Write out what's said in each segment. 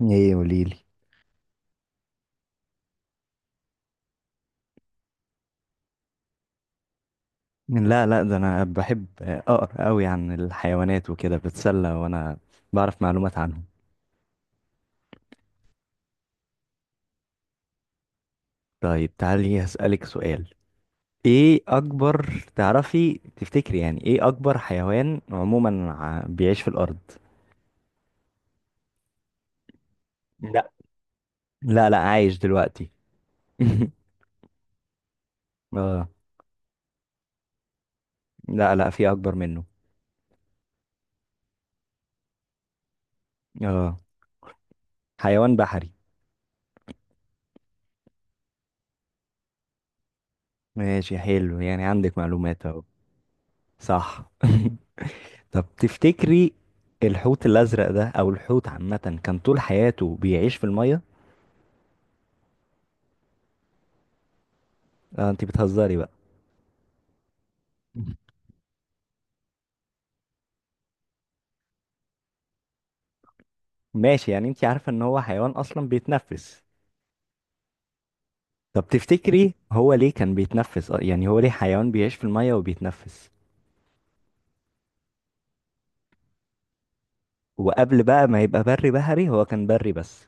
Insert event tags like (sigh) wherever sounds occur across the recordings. ايه، قوليلي. لا، لا، ده انا بحب اقرا قوي عن الحيوانات وكده بتسلى، وانا بعرف معلومات عنهم. طيب، تعالي هسألك سؤال. ايه اكبر تعرفي تفتكري، يعني ايه اكبر حيوان عموما بيعيش في الارض؟ لا، لا، لا، عايش دلوقتي. (laughs) اه، لا، لا، في اكبر منه. اه، حيوان بحري. ماشي، حلو، يعني عندك معلومات اهو. صح. (laughs) طب تفتكري، الحوت الازرق ده او الحوت عامه كان طول حياته بيعيش في الميه؟ آه، انت بتهزري بقى؟ ماشي، يعني انت عارفه ان هو حيوان اصلا بيتنفس. طب تفتكري هو ليه كان بيتنفس، يعني هو ليه حيوان بيعيش في الميه وبيتنفس؟ وقبل بقى ما يبقى بري بحري هو كان بري بس.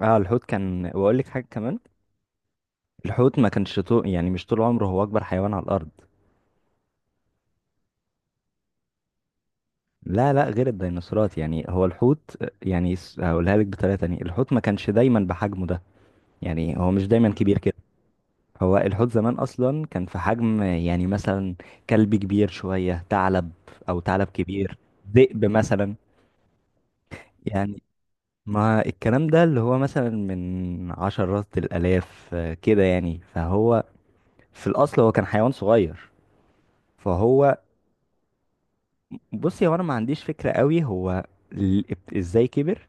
اه، الحوت كان، واقول لك حاجه كمان. الحوت ما كانش طول، يعني مش طول عمره هو اكبر حيوان على الارض. لا، لا، غير الديناصورات، يعني هو الحوت، يعني هقولها لك بطريقه تانية، الحوت ما كانش دايما بحجمه ده. يعني هو مش دايما كبير كده. هو الحوت زمان اصلا كان في حجم، يعني مثلا كلب كبير شوية، ثعلب، او ثعلب كبير، ذئب مثلا. يعني ما الكلام ده اللي هو مثلا من عشرات الالاف كده، يعني فهو في الاصل هو كان حيوان صغير. فهو، بصي، هو انا ما عنديش فكرة قوي هو ال- ازاي كبر.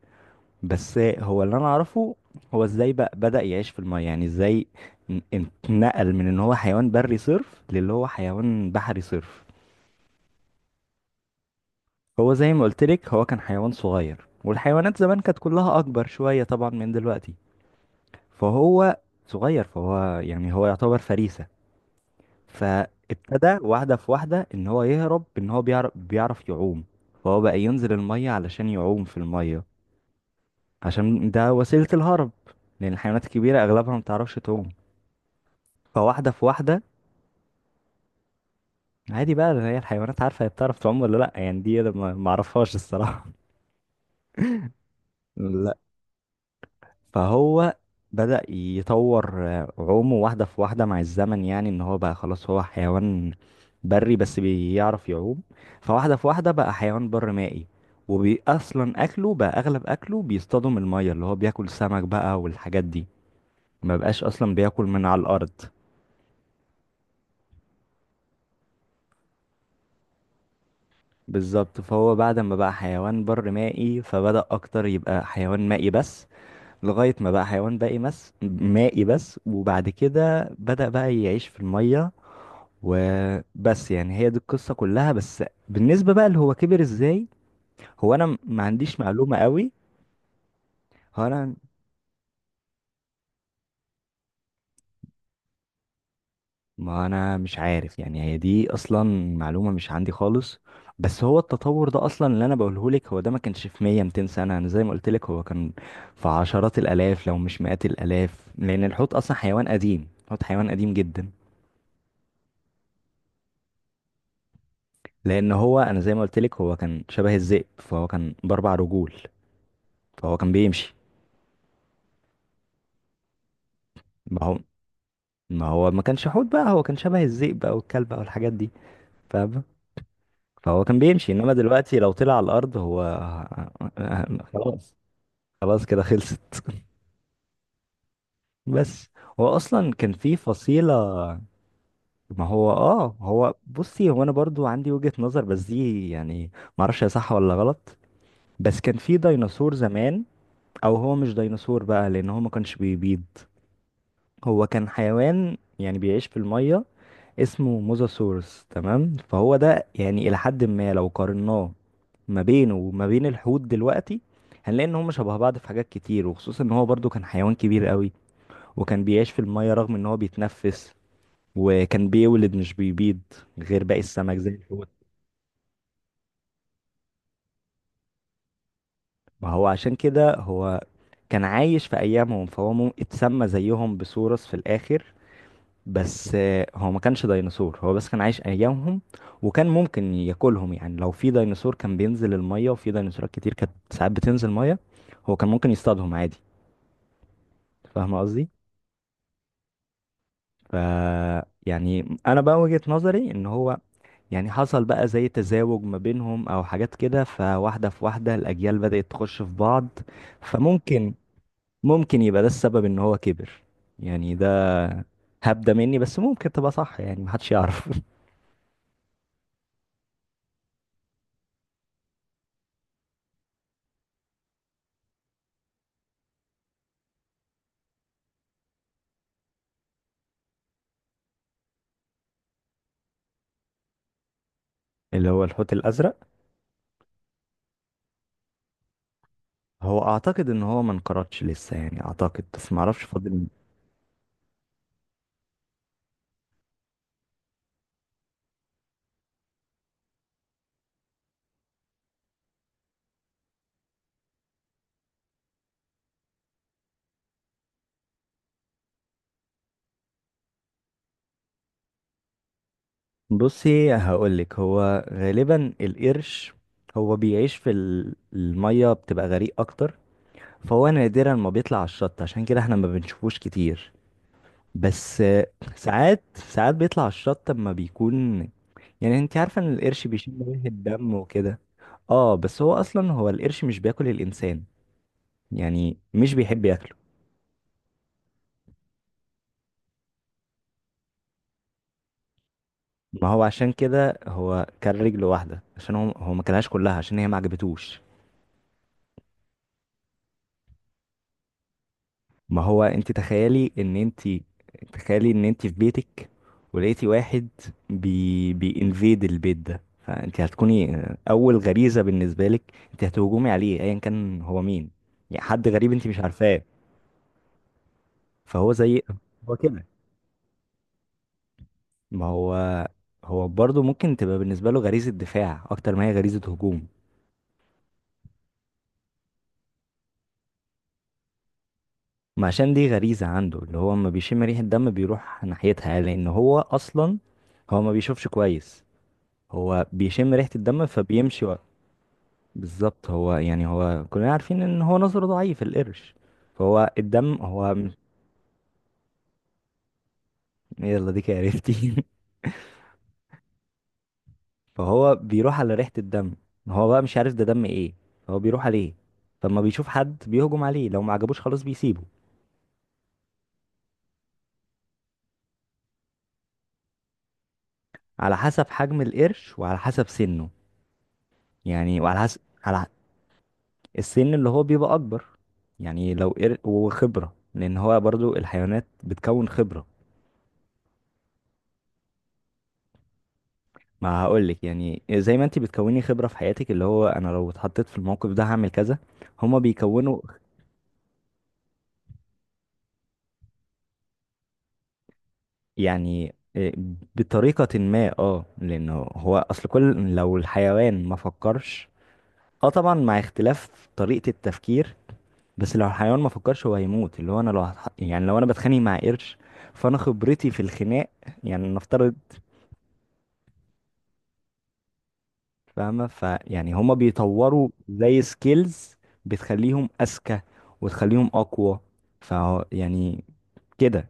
بس هو اللي انا اعرفه، هو ازاي بقى بدأ يعيش في الميه، يعني ازاي اتنقل من ان هو حيوان بري صرف للي هو حيوان بحري صرف. هو زي ما قلت لك، هو كان حيوان صغير، والحيوانات زمان كانت كلها اكبر شوية طبعا من دلوقتي. فهو صغير، فهو يعني هو يعتبر فريسة. فابتدى واحدة في واحدة ان هو يهرب، ان هو بيعرف يعوم. فهو بقى ينزل الميه علشان يعوم في الميه. عشان ده وسيلة الهرب. لان الحيوانات الكبيرة اغلبها ما بتعرفش تعوم. فواحدة في واحدة. عادي بقى، هي الحيوانات عارفة هي بتعرف تعوم ولا لأ، يعني دي أنا ما أعرفهاش الصراحة. لا، فهو بدأ يطور عومه واحدة في واحدة مع الزمن، يعني إن هو بقى خلاص هو حيوان بري بس بيعرف يعوم. فواحدة في واحدة بقى حيوان بر مائي. وبي أصلا أكله بقى، أغلب أكله بيصطادوا من المية، اللي هو بياكل سمك بقى والحاجات دي. ما بقاش أصلا بياكل من على الأرض. بالظبط، فهو بعد ما بقى حيوان بر مائي فبدأ أكتر يبقى حيوان مائي بس. لغاية ما بقى حيوان باقي بس مائي بس، وبعد كده بدأ بقى يعيش في المية. وبس، يعني هي دي القصة كلها، بس بالنسبة بقى اللي هو كبر ازاي، هو انا ما عنديش معلومة قوي. هو انا، ما انا مش عارف، يعني هي دي اصلا معلومة مش عندي خالص. بس هو التطور ده اصلا اللي انا بقوله لك، هو ده ما كانش في 100 200 سنة، انا زي ما قلت لك هو كان في عشرات الالاف لو مش مئات الالاف، لان الحوت اصلا حيوان قديم. الحوت حيوان قديم جدا. لان هو انا زي ما قلت لك، هو كان شبه الذئب، فهو كان باربع رجول. فهو كان بيمشي. ما هو ما هو ما كانش حوت بقى، هو كان شبه الذئب بقى والكلب بقى والحاجات دي. فاهمه؟ فهو كان بيمشي، انما دلوقتي لو طلع على الارض هو. (laughs) خلاص، خلاص كده، خلصت. بس هو اصلا كان في فصيله. ما هو، اه، هو، بصي، هو انا برضو عندي وجهة نظر، بس دي يعني ما اعرفش هي صح ولا غلط. بس كان في ديناصور زمان. او هو مش ديناصور بقى، لان هو ما كانش بيبيض. هو كان حيوان يعني بيعيش في المية. اسمه موزاسورس، تمام؟ فهو ده يعني إلى حد ما، لو قارناه ما بينه وما بين الحوت دلوقتي، هنلاقي ان هما شبه بعض في حاجات كتير، وخصوصا ان هو برضو كان حيوان كبير قوي، وكان بيعيش في المية رغم ان هو بيتنفس، وكان بيولد مش بيبيض، غير باقي السمك، زي الحوت. ما هو عشان كده، هو كان عايش في ايامهم، فهو اتسمى زيهم بسورس في الاخر. بس هو ما كانش ديناصور، هو بس كان عايش ايامهم. وكان ممكن ياكلهم، يعني لو في ديناصور كان بينزل الميه، وفي ديناصورات كتير كانت ساعات بتنزل ميه، هو كان ممكن يصطادهم عادي. فاهم قصدي؟ ف يعني انا بقى وجهة نظري ان هو، يعني حصل بقى زي تزاوج ما بينهم او حاجات كده، فواحده في واحده الاجيال بدأت تخش في بعض. فممكن يبقى ده السبب ان هو كبر. يعني ده هبدة مني، بس ممكن تبقى صح، يعني محدش يعرف. (laughs) اللي هو الحوت الازرق. هو اعتقد ان هو ما انقرضش لسه، يعني اعتقد، بس ما اعرفش، فاضل. بصي، هقول لك، هو غالبا القرش، هو بيعيش في الميه بتبقى غريق اكتر، فهو نادرا ما بيطلع على الشط، عشان كده احنا ما بنشوفوش كتير. بس ساعات ساعات بيطلع على الشط اما بيكون، يعني انت عارفه ان القرش بيشم ريحه الدم وكده. اه، بس هو اصلا، هو القرش مش بياكل الانسان. يعني مش بيحب ياكله. ما هو عشان كده، هو كان رجل واحدة، عشان هو ما كلهاش كلها، عشان هي ما عجبتوش. ما هو انت تخيلي ان انت، تخيلي ان انت في بيتك، ولقيتي واحد بينفيد البيت ده، فانت هتكوني، اول غريزة بالنسبة لك انت هتهجمي عليه، ايا كان هو مين، يعني حد غريب انت مش عارفاه. فهو زي، هو كده. ما هو، هو برضه ممكن تبقى بالنسبة له غريزة دفاع اكتر ما هي غريزة هجوم. ما عشان دي غريزة عنده، اللي هو لما بيشم ريحة دم بيروح ناحيتها، لأن هو أصلا، هو ما بيشوفش كويس. هو بيشم ريحة الدم فبيمشي بالظبط، هو يعني، هو كلنا عارفين إن هو نظره ضعيف، القرش. فهو الدم هو يلا، ديك عرفتي. (laughs) فهو بيروح على ريحة الدم، هو بقى مش عارف ده دم ايه، هو بيروح عليه. فلما بيشوف حد بيهجم عليه، لو ما عجبوش خلاص بيسيبه. على حسب حجم القرش وعلى حسب سنه. يعني وعلى حسب، على السن اللي هو بيبقى اكبر، يعني لو وخبره، لان هو برضو الحيوانات بتكون خبره. ما هقولك، يعني زي ما انت بتكوني خبره في حياتك، اللي هو انا لو اتحطيت في الموقف ده هعمل كذا، هما بيكونوا. يعني إيه؟ بطريقه ما، اه، لانه هو اصل كل، لو الحيوان ما فكرش، اه، طبعا مع اختلاف طريقه التفكير. بس لو الحيوان ما فكرش هو هيموت، اللي هو انا لو يعني لو انا بتخانق مع قرش، فانا خبرتي في الخناق، يعني نفترض. فاهمة؟ فيعني هما بيطوروا زي سكيلز، بتخليهم أذكى وتخليهم أقوى. ف يعني كده.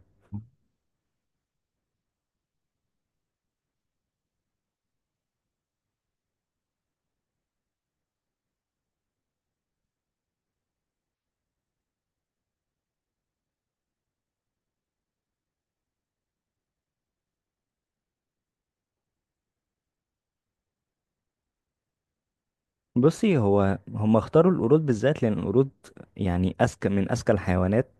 بصي، هو هم اختاروا القرود بالذات لأن القرود يعني أذكى من أذكى الحيوانات،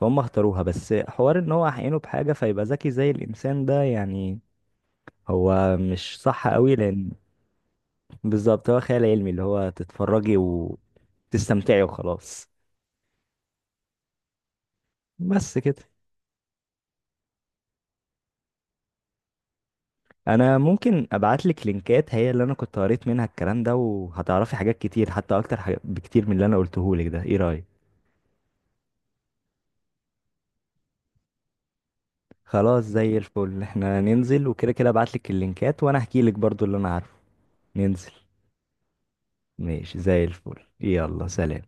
فهم اختاروها، بس حوار إن هو عينه بحاجة فيبقى ذكي زي الإنسان، ده يعني هو مش صح قوي، لأن. بالظبط، هو خيال علمي، اللي هو تتفرجي وتستمتعي وخلاص. بس كده. انا ممكن ابعت لك لينكات، هي اللي انا كنت قريت منها الكلام ده، وهتعرفي حاجات كتير، حتى اكتر حاجات بكتير من اللي انا قلته لك ده، ايه رايك؟ خلاص، زي الفل، احنا ننزل وكده كده، ابعت لك اللينكات وانا احكي لك برضو اللي انا عارفه. ننزل. ماشي، زي الفل، يلا سلام.